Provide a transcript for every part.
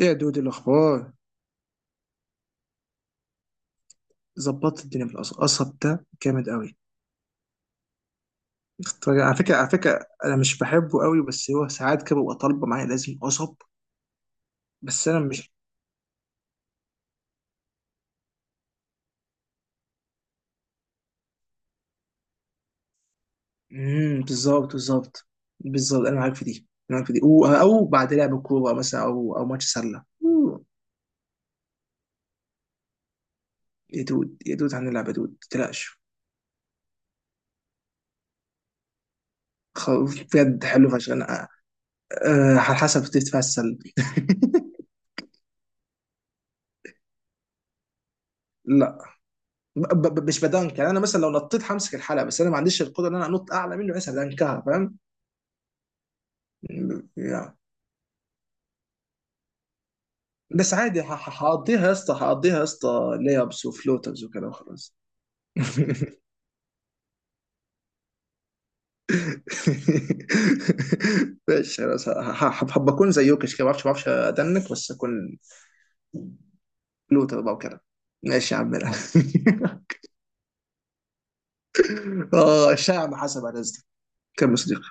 ايه يا دود، الاخبار؟ ظبطت الدنيا في القصب ده جامد قوي. طيب، على فكره انا مش بحبه قوي، بس هو ساعات كده ببقى طالبه معايا، لازم قصب. بس انا مش. بالظبط، بالظبط، بالظبط. انا معاك في دي أو بعد لعب كوره مثلا، او ماتش سله. يا دود يا دود، هنلعب. يا دود ما تقلقش. خ- بجد حلو فشخ. انا على حسب تدفع السله. لا، مش بدنك، يعني انا مثلا لو نطيت همسك الحلقه، بس انا ما عنديش القدره ان انا انط اعلى منه، بس هدنكها، فاهم؟ يا. بس عادي، هقضيها يا اسطى ليابس وفلوترز وكده، وخلاص. ماشي خلاص، هبقى اكون زي يوكش كده، ما اعرفش ادنك، بس اكون فلوتر بقى وكده. ماشي يا عم. لا. اه، الشاعر ما حسب على رزقك. كمل يا صديقي.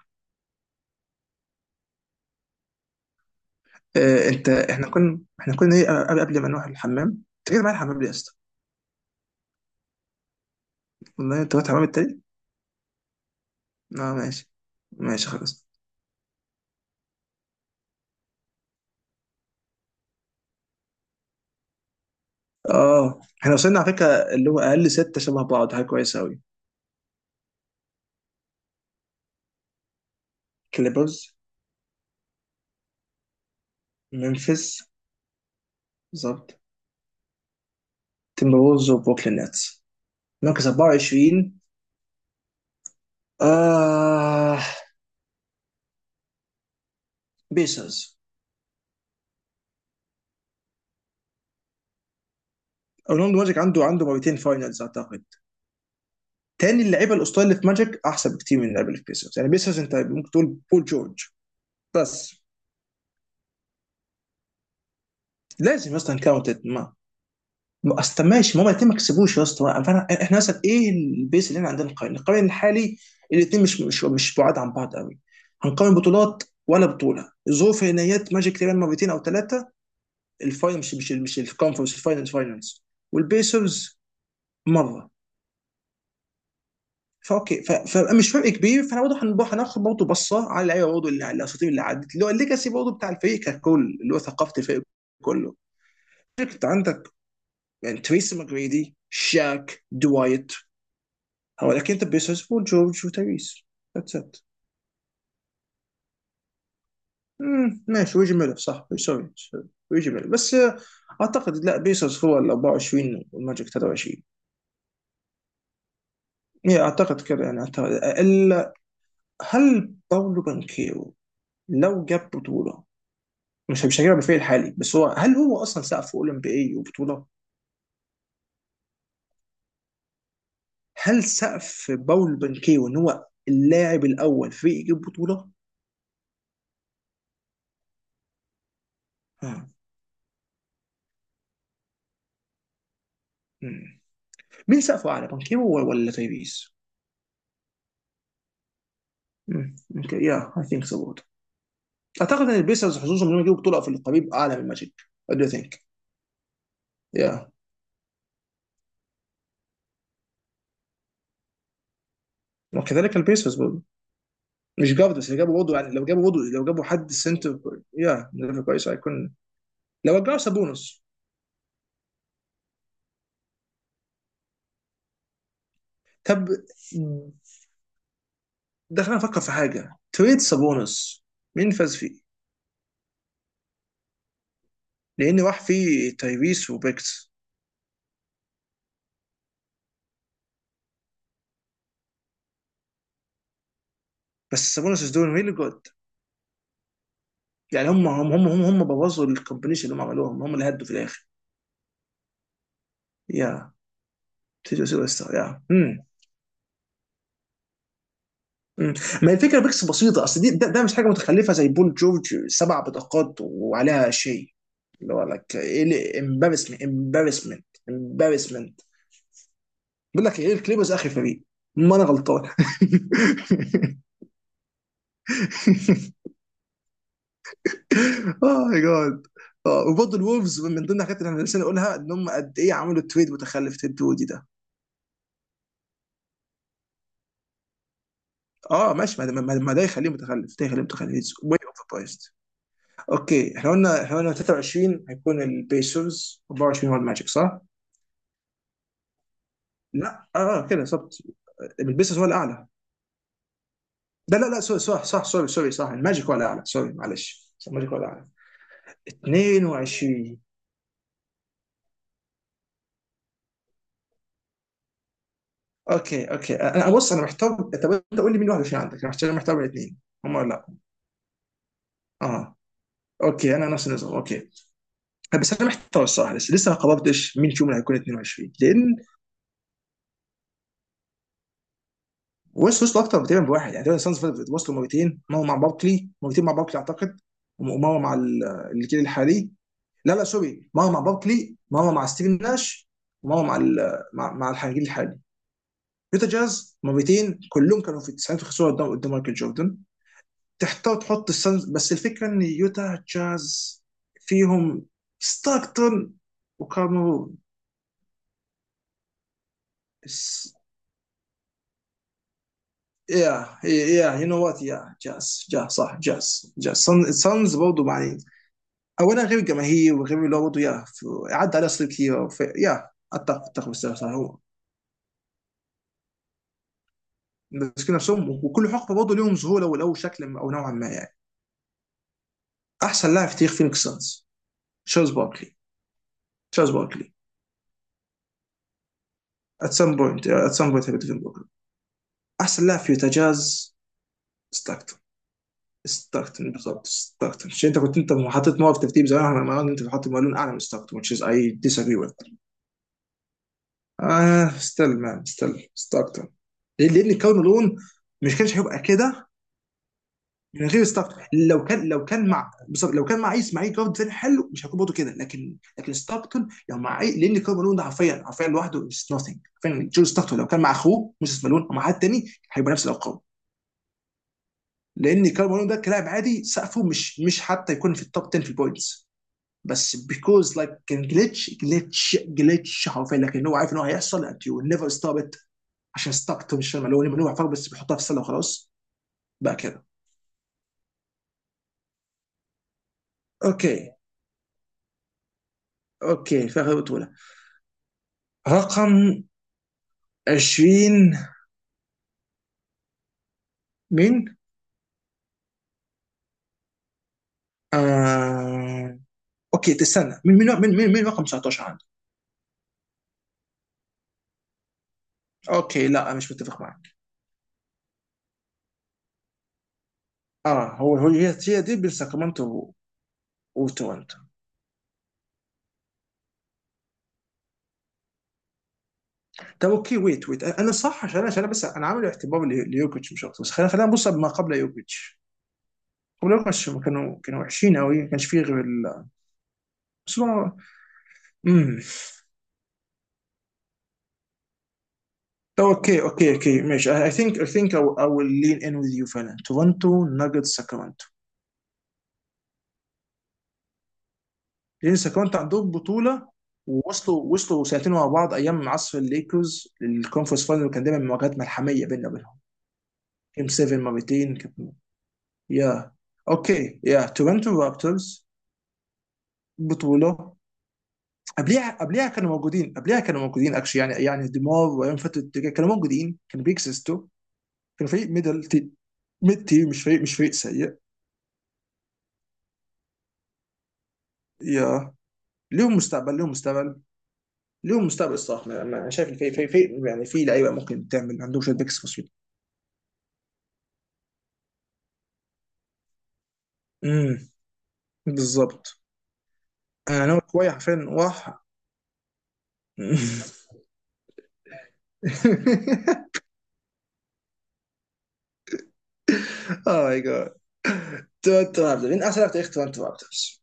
انت، احنا كنا ايه قبل ما نروح الحمام؟ انت كده معايا الحمام ليه يا اسطى؟ والله انت رحت الحمام التاني. اه، ماشي. ماشي خلاص. اه، احنا وصلنا على فكره. اللي هو اقل سته شبه بعض، حاجه كويسه قوي. كليبرز. ممفيس. بالظبط. تيمبروز وبروكلين نتس. مركز 24. آه، بيسرز. اورلاندو ماجيك عنده مرتين فاينلز، اعتقد. تاني، اللعيبه الاسطوريه اللي في ماجيك احسن بكتير من اللعيبه اللي في بيسرز. يعني بيسرز انت ممكن تقول بول جورج. بس، لازم اصلا كاونتد. اصل، طب ماشي، ما هما الاثنين ما كسبوش يا اسطى، احنا مثلا ايه البيس اللي احنا عندنا، نقارن الحالي. الاثنين مش بعاد عن بعض قوي. هنقارن بطولات ولا بطوله ظروف؟ نهائيات ماجيك تقريبا مرتين او ثلاثه، الفاينل، مش الكونفرنس، الفاينلز فاينلز. والبيسرز مره. فاوكي ف- فمش فرق كبير، فاحنا برضه هناخد برضه بصه على اللعيبه، برضه اللي على الاساطير اللي عدت، اللي هو الليجاسي برضه بتاع الفريق ككل، اللي هو ثقافه الفريق كله. انت عندك يعني تريسي ماجريدي، شاك، دوايت. هو لكن انت بيسوس وجورج وتايريس. ذاتس ات. مم، ماشي. ويجي ميلر، صح، سوري، سوري. ويجي ميلر بس. اعتقد لا، بيسوس هو ال 24 والماجيك 23، يعني اعتقد كده. هل باولو بانكيرو لو جاب بطوله، مش هجيبها بالفعل الحالي، بس هو، هل هو اصلا سقف اولمبي بي اي وبطوله؟ هل سقف باولو بانكيرو ان هو اللاعب الاول في يجيب بطوله؟ آه. مم. مين سقفه اعلى، بانكيرو ولا تايبيس؟ يا، اي ثينك سو. اعتقد ان البيسرز حظوظهم انهم يجيبوا بطوله افريقيا بيبقى اعلى من الماجيك. وات دو ثينك؟ يا. وكذلك البيسرز برضه. مش جارد بس، لو جابوا برضه يعني، لو جابوا برضه، لو جابوا حد سنتر يا، ليفل كويس هيكون لو رجعوا سابونس. طب، ده خلينا نفكر في حاجه. تريد سابونس، مين فاز فيه؟ لان راح فيه تايريس وبيكس. بس سابونس از دوينج ريلي جود. يعني هم بوظوا الكومبينيشن اللي هم عملوهم، هم اللي هدوا في الاخر. يا. تيجي سوبر ستار. يا. مم. ما الفكره ميكس بسيطه، اصل دي، ده مش حاجه متخلفه زي بول جورج، سبع بطاقات وعليها شيء، اللي هو لك ايه، امبارسمنت، امبارسمنت، امبارسمنت. بيقول لك ايه الكليبرز اخر فريق. ما انا غلطان. اه، ماي جاد. اه، وبرضه الولفز من ضمن الحاجات اللي احنا لسه نقولها ان هم قد ايه عملوا تريد متخلف، تيد دودي ده. اه، ماشي. ما ده يخليه متخلف، ده يخليه متخلف واي اوفر برايسد. اوكي، احنا قلنا 23 هيكون البيسرز، 24 هو الماجيك، صح؟ لا، اه. آه، كده بالظبط. البيسرز هو الاعلى. لا، لا، لا، سوري، صح، صح، سوري، سوري، صح، الماجيك هو الاعلى. سوري، معلش، صح، الماجيك هو الاعلى. 22. اوكي، اوكي، انا بص، انا محتار. طب انت قول لي مين 21 عندك، عشان انا محتار، محتار بين الاثنين. هم ولا لا؟ اه، اوكي، انا نفس النظام، اوكي. بس انا محتار الصراحه، لسه ما قررتش مين فيهم اللي هيكون 22، لان ويست وصلوا اكتر تقريبا بواحد يعني. تقريبا السانز وصلوا مرتين، مره مع باركلي، مرتين مع باركلي اعتقد، ومره مع ال- الجيل الحالي. لا، لا، سوري، مره مع باركلي، مره مع ستيفن ناش، ومره مع ال- مع, مع الجيل الحالي. يوتا جاز مرتين، كلهم كانوا في التسعينات، وخسروا قدام مايكل جوردن. تحتار تحط السانز، بس الفكره ان يوتا جاز فيهم ستاكتون وكاميرون. بس، يا يو نو وات، يا. جاز صح، جاز، السانز برضه يعني. اولا غير الجماهير، وغير اللي هو برضه، يا، عدى عليه اساطير كتير، يا، اتفق، بس هو ماسكين نفسهم، وكل حقبه برضه ليهم ظهور او لو شكل او نوعا ما يعني. احسن لاعب في تاريخ فينيكس سانز: تشارلز باركلي. تشارلز باركلي، ات سام بوينت باركلي. احسن لاعب في يوتا جاز: ستاكتون. ستاكتون بالضبط، ستاكتون. عشان انت كنت، انت حاطط، موقف ترتيب زمان، انا، ما انت حاطط مالون اعلى من ستاكتون، which is I disagree with. اه، ستيل مان، ستيل ستاكتون. لان كونه لون مش كانش هيبقى كده من غير ستارك. لو كان مع، بالظبط لو كان مع اسماعيل جارد تاني حلو، مش هيكون برضه كده. لكن ستاركتون لو مع لان كارل مالون ده حرفيا، حرفيا لوحده از نوثينج. فعلا جو ستاركتون لو كان مع اخوه موسيس مالون او مع حد تاني هيبقى نفس الارقام. لان كارل مالون ده، كلاعب عادي، سقفه مش حتى يكون في التوب 10 في البوينتس. بس بيكوز لايك كان جلitch جلitش حرفيا، لكن هو عارف ان هو هيحصل and you will never stop it. عشان ستاركتون مش مالون. مالون عارفها بس بيحطها في السله وخلاص. بقى كده. اوكي، اوكي، فاخر بطوله. رقم 20، مين؟ آه. اوكي، تستنى، مين رقم 19 عندك؟ اوكي، لا، مش متفق معك. اه، هو هو، هي دي بين ساكرامنتو وتورنتو. طب اوكي، ويت، انا صح، عشان أنا، بس انا عامل اعتبار ليوكيتش مش اكتر، بس خلينا نبص ما قبل يوكيتش. قبل يوكيتش هم كانوا وحشين قوي، ما كانش فيه غير ال. بس هو- امم طب اوكي، اوكي، اوكي، ماشي. I think I will lean in with you فعلا. تورنتو، ناجتس، ساكرامنتو. ينسى كمان، انت عندهم بطوله، ووصلوا سنتين ورا بعض ايام عصر الليكرز للكونفرنس فاينل، وكان دايما مواجهات ملحميه بيننا وبينهم. جيم 7 مرتين كانت. يا. اوكي، يا تورنتو رابترز بطوله. قبليها كانوا موجودين، قبليها كانوا موجودين اكشلي، يعني ديمار وايام فتره كانوا موجودين، كانوا بيكسستوا. كانوا فريق ميدل تي، ميد تي. مش فريق سيء. يا، ليهم مستقبل، ليهم مستقبل، ليهم مستقبل الصراحه. انا شايف الفريق، فريق يعني، في لعيبه ممكن تعمل عندهم شويه بيكس بسيطه. بالظبط، انا ناوي شويه حرفيا. اوه ماي جاد. تورنتو رابترز، مين احسن لاعب في تاريخ تورنتو رابترز؟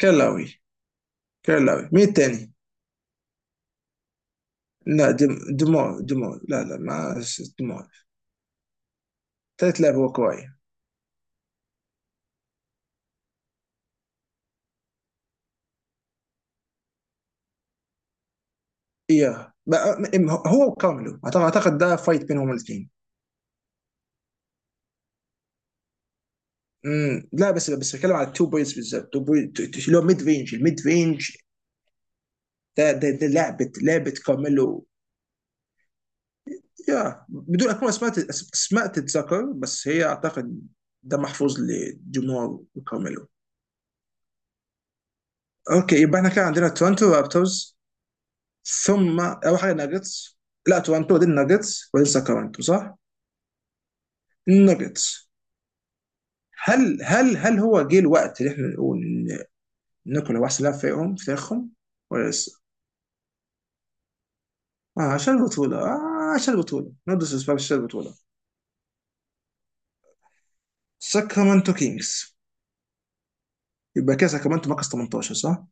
كلاوي. كلاوي، مين التاني؟ لا، دم دمار دمار، لا، لا، ما، دمار. تالت لاعب هو كواي. اياه، هو وكارمelo، اعتقد ده فايت بينهم الاثنين. امم، لا. بس بتكلم على التو بوينتس بالذات، تو بوينت اللي هو ميد رينج، الميد رينج. ده لعبه كارميلو. يا، بدون اكون اسماء تتذكر، بس هي اعتقد. ده محفوظ لجمهور كارميلو. اوكي، يبقى احنا كان عندنا تورنتو رابترز، ثم اول حاجه ناجتس. لا، تورنتو دي الناجتس، وبعدين ساكرامنتو، صح؟ الناجتس. هل هو جه الوقت اللي احنا نقول ان نيكولا هو احسن لاعب فريقهم في تاريخهم، ولا لسه؟ آه، عشان البطوله، نو ديسريسبكت، عشان البطوله. ساكرامنتو كينجز. يبقى كده ساكرامنتو مركز 18، صح؟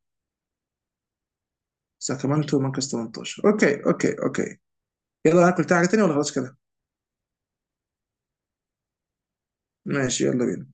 ساكرامنتو مركز 18. اوكي، اوكي، اوكي. يلا ناكل حاجه تانية ولا خلاص كده؟ ماشي، يلا بينا.